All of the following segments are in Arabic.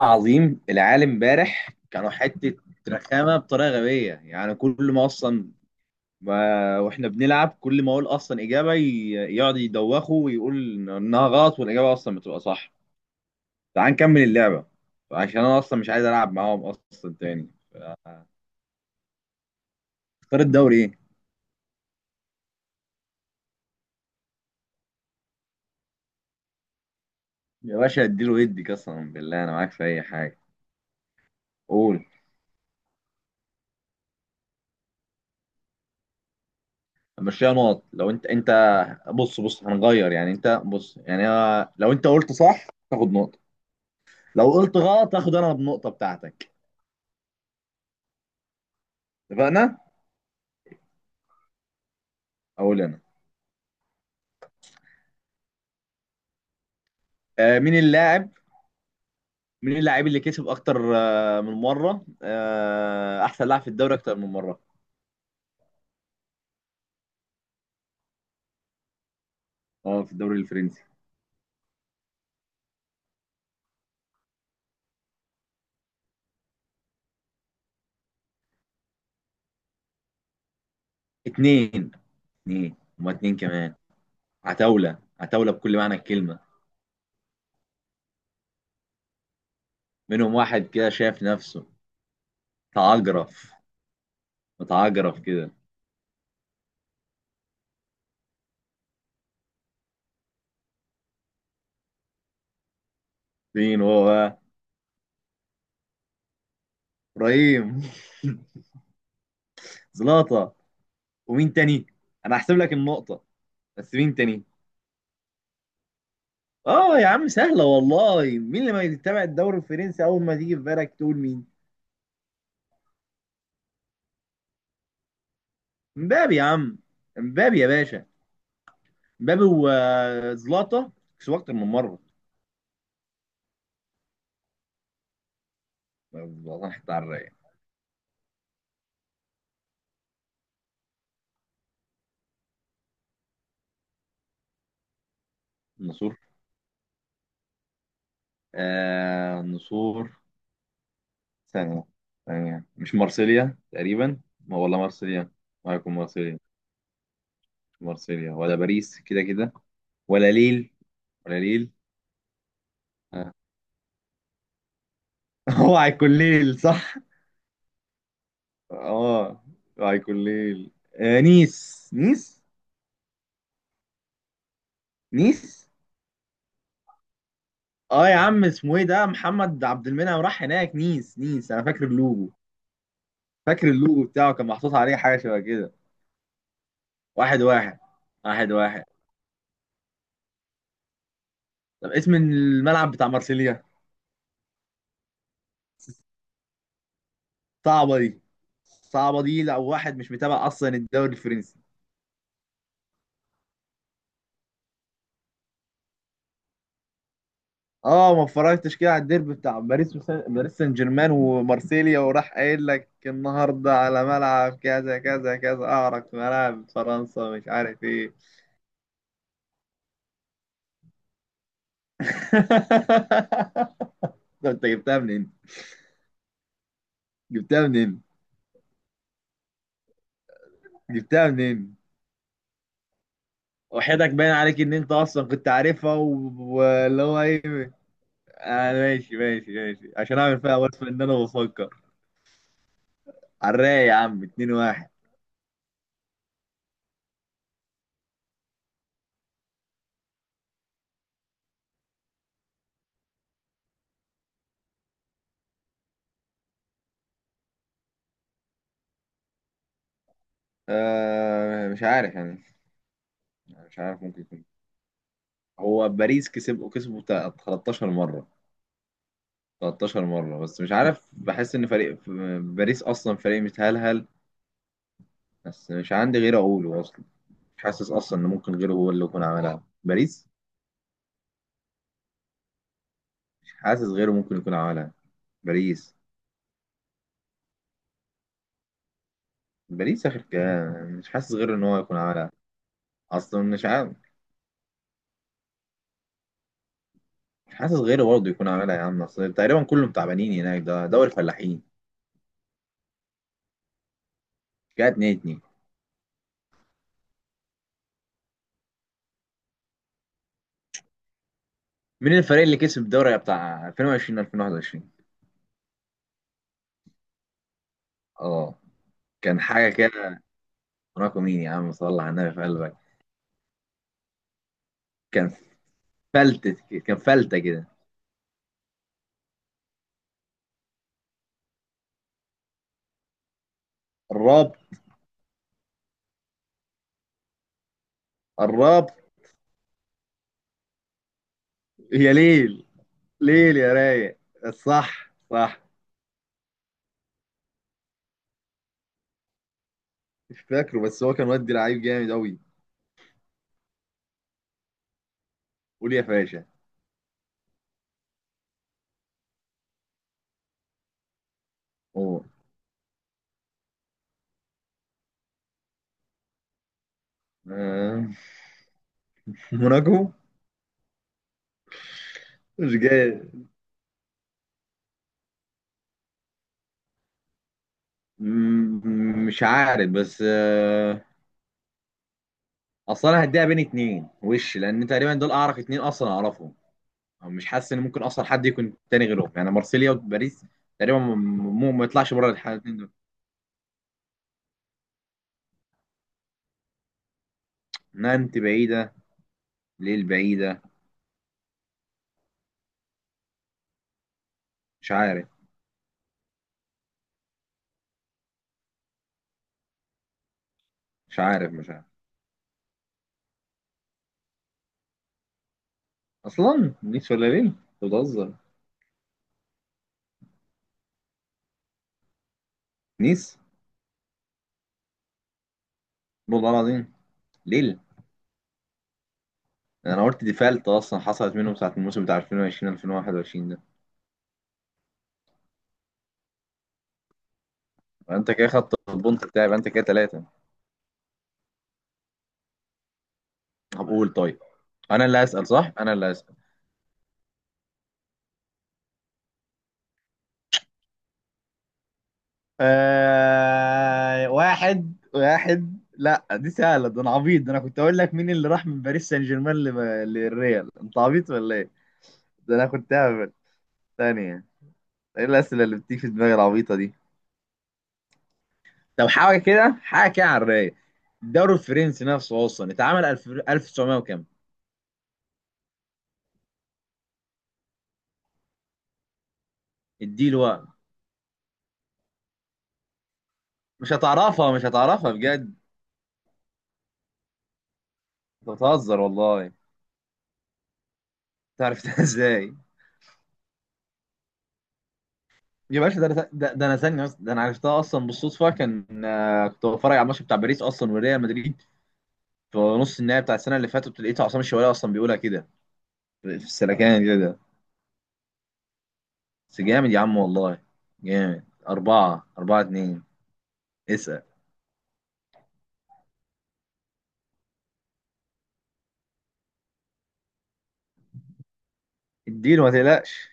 عظيم العالم امبارح كانوا حتة رخامة بطريقة غبية، يعني كل ما أصلا ما واحنا بنلعب، كل ما أقول أصلا إجابة يقعد يدوخه ويقول إنها غلط والإجابة أصلا بتبقى صح. تعال نكمل اللعبة عشان أنا أصلا مش عايز ألعب معاهم أصلا تاني. اختار الدوري إيه؟ يا باشا اديله يدي، قسما بالله أنا معاك في أي حاجة، قول. مشيها نقط لو أنت بص بص هنغير، يعني أنت بص يعني لو أنت قلت صح تاخد نقطة، لو قلت غلط هاخد انا النقطه بتاعتك. اتفقنا. اقول انا. آه، مين اللاعب اللي كسب اكتر من مره، احسن لاعب في الدوري اكتر من مره؟ اه في الدوري الفرنسي. اتنين، اتنين هما اتنين كمان. عتاوله عتاوله بكل معنى الكلمه، منهم واحد كده شايف نفسه متعجرف، متعجرف كده. مين هو بقى؟ ابراهيم زلاطه. ومين تاني؟ انا هحسب لك النقطه، بس مين تاني؟ اه يا عم سهله والله، مين اللي ما يتابع الدوري الفرنسي اول ما تيجي في بالك تقول مين؟ مبابي يا عم، مبابي يا باشا، مبابي وزلاطه كسبوا اكتر من مره. والله حتى على الرايق. النصور، آه النصور، ثانيه، ثانيه مش مارسيليا تقريبا، ما والله مارسيليا، ما هيكون مارسيليا. مش مارسيليا ولا باريس كده كده، ولا ليل ولا ليل. آه. هو هيكون ليل صح. اه هيكون ليل. آه نيس. اه يا عم اسمه ايه ده محمد عبد المنعم راح هناك، نيس انا فاكر اللوجو، فاكر اللوجو بتاعه كان محطوط عليه حاجه شبه كده. واحد واحد. واحد واحد. طب اسم الملعب بتاع مارسيليا؟ صعبه دي، صعبه دي لو واحد مش متابع اصلا الدوري الفرنسي. اه ما اتفرجتش كده على الديربي بتاع باريس باريس سان جيرمان ومارسيليا، وراح قايل لك النهارده على ملعب كذا كذا كذا، اعرق ملاعب فرنسا مش عارف ايه. طب انت جبتها منين؟ جبتها منين؟ جبتها منين؟ وحياتك باين عليك ان انت اصلا كنت عارفها واللي هو ايه، آه ماشي ماشي ماشي عشان اعمل فيها وصف ان انا بفكر. على الرايق يا عم، 2-1. آه مش عارف يعني، مش عارف ممكن يكون، هو باريس كسب كسبه بتاع 13 مرة، 13 مرة، بس مش عارف بحس ان فريق باريس اصلا فريق متهلهل، بس مش عندي غير اقوله اصلا، مش حاسس اصلا ان ممكن غيره هو اللي يكون عملها، باريس. مش حاسس غيره ممكن يكون عملها، باريس. باريس اخر كلام، مش حاسس غير ان هو يكون عملها. اصلا مش عارف، مش حاسس غيره برضه يكون عملها، يا عم اصل تقريبا كلهم تعبانين هناك، ده دوري الفلاحين. كانت 2-2. مين الفريق اللي كسب الدوري بتاع 2020 2021؟ اه كان حاجه كده، رقم مين يا عم صلى على النبي في قلبك، كان فلتة، كان فلتة كده. الراب. الراب. يا ليل، ليل يا رايق، صح صح. مش فاكره بس هو كان ودي لعيب جامد قوي. قول يا فاشا. هو، آه، موناكو. مش جاي، مش عارف بس آه، اصل انا هديها بين اتنين وش لان تقريبا دول اعرف، اتنين اصلا اعرفهم، أو مش حاسس ان ممكن اصلا حد يكون تاني غيرهم، يعني مارسيليا وباريس، تقريبا ما يطلعش بره الحالتين دول. نانت بعيده، ليل بعيده، مش عارف، مش عارف، مش عارف. اصلا نيس ولا ليل؟ أنت بتهزر؟ نيس. والله العظيم، ليل. انا قلت ديفالت اصلا حصلت منهم ساعه الموسم بتاع 2020 2021 ده، يبقى انت كده خدت البونت بتاعي، يبقى انت كده ثلاثه. طب قول، طيب انا اللي هسأل صح، انا اللي هسأل. آه واحد واحد، لا دي سهلة، ده انا عبيط ده، انا كنت اقول لك مين اللي راح من باريس سان جيرمان للريال، انت عبيط ولا ايه؟ ده انا كنت هبل، ثانية، ايه الأسئلة اللي بتيجي في دماغي العبيطة دي؟ طب حاجة كده، حاجة كده على الرايق، الدوري الفرنسي نفسه اصلا اتعمل 1000 1900 وكام؟ اديله وقت، مش هتعرفها، مش هتعرفها بجد. انت بتهزر والله، تعرفتها ازاي؟ يا باشا ده انا ثانيه بس، ده انا عرفتها اصلا بالصدفه كان كنت بتفرج على الماتش بتاع باريس اصلا وريال مدريد في نص النهائي بتاع السنه اللي فاتت، لقيت عصام الشوالي اصلا بيقولها كده في السلكان كده ده. بس جامد يا عم والله، جامد. أربعة أربعة اتنين. اسأل، اديله ما تقلقش.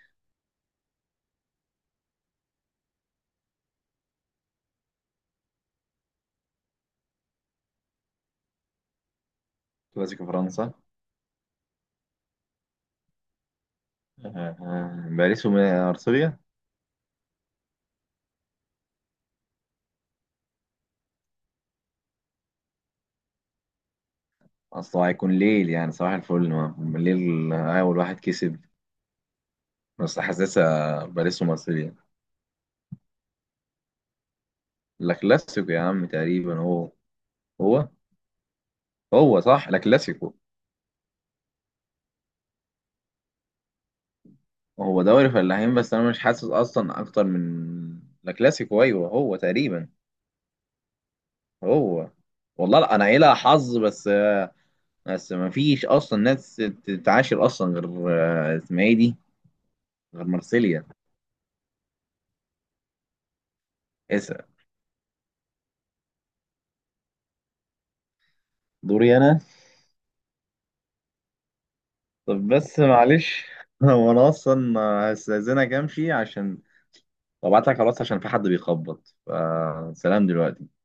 كلاسيكو فرنسا؟ آه، آه، باريس وأرسنال؟ أصل هو هيكون ليل، يعني صباح الفل الليل أول واحد كسب، بس حاسسها باريس ومارسيليا. لا كلاسيكو يا عم، تقريبا هو هو صح لا كلاسيكو. هو دوري فلاحين بس انا مش حاسس اصلا اكتر من لا كلاسيكو، ايوه هو تقريبا، هو. والله لا انا عيلة حظ بس، بس ما فيش اصلا ناس تتعاشر اصلا غير آه، اسمها ايه دي، غير مارسيليا، اسا. دوري انا. طب بس معلش هو انا اصلا هستأذنك امشي عشان وابعت لك خلاص عشان في حد بيخبط، فسلام دلوقتي.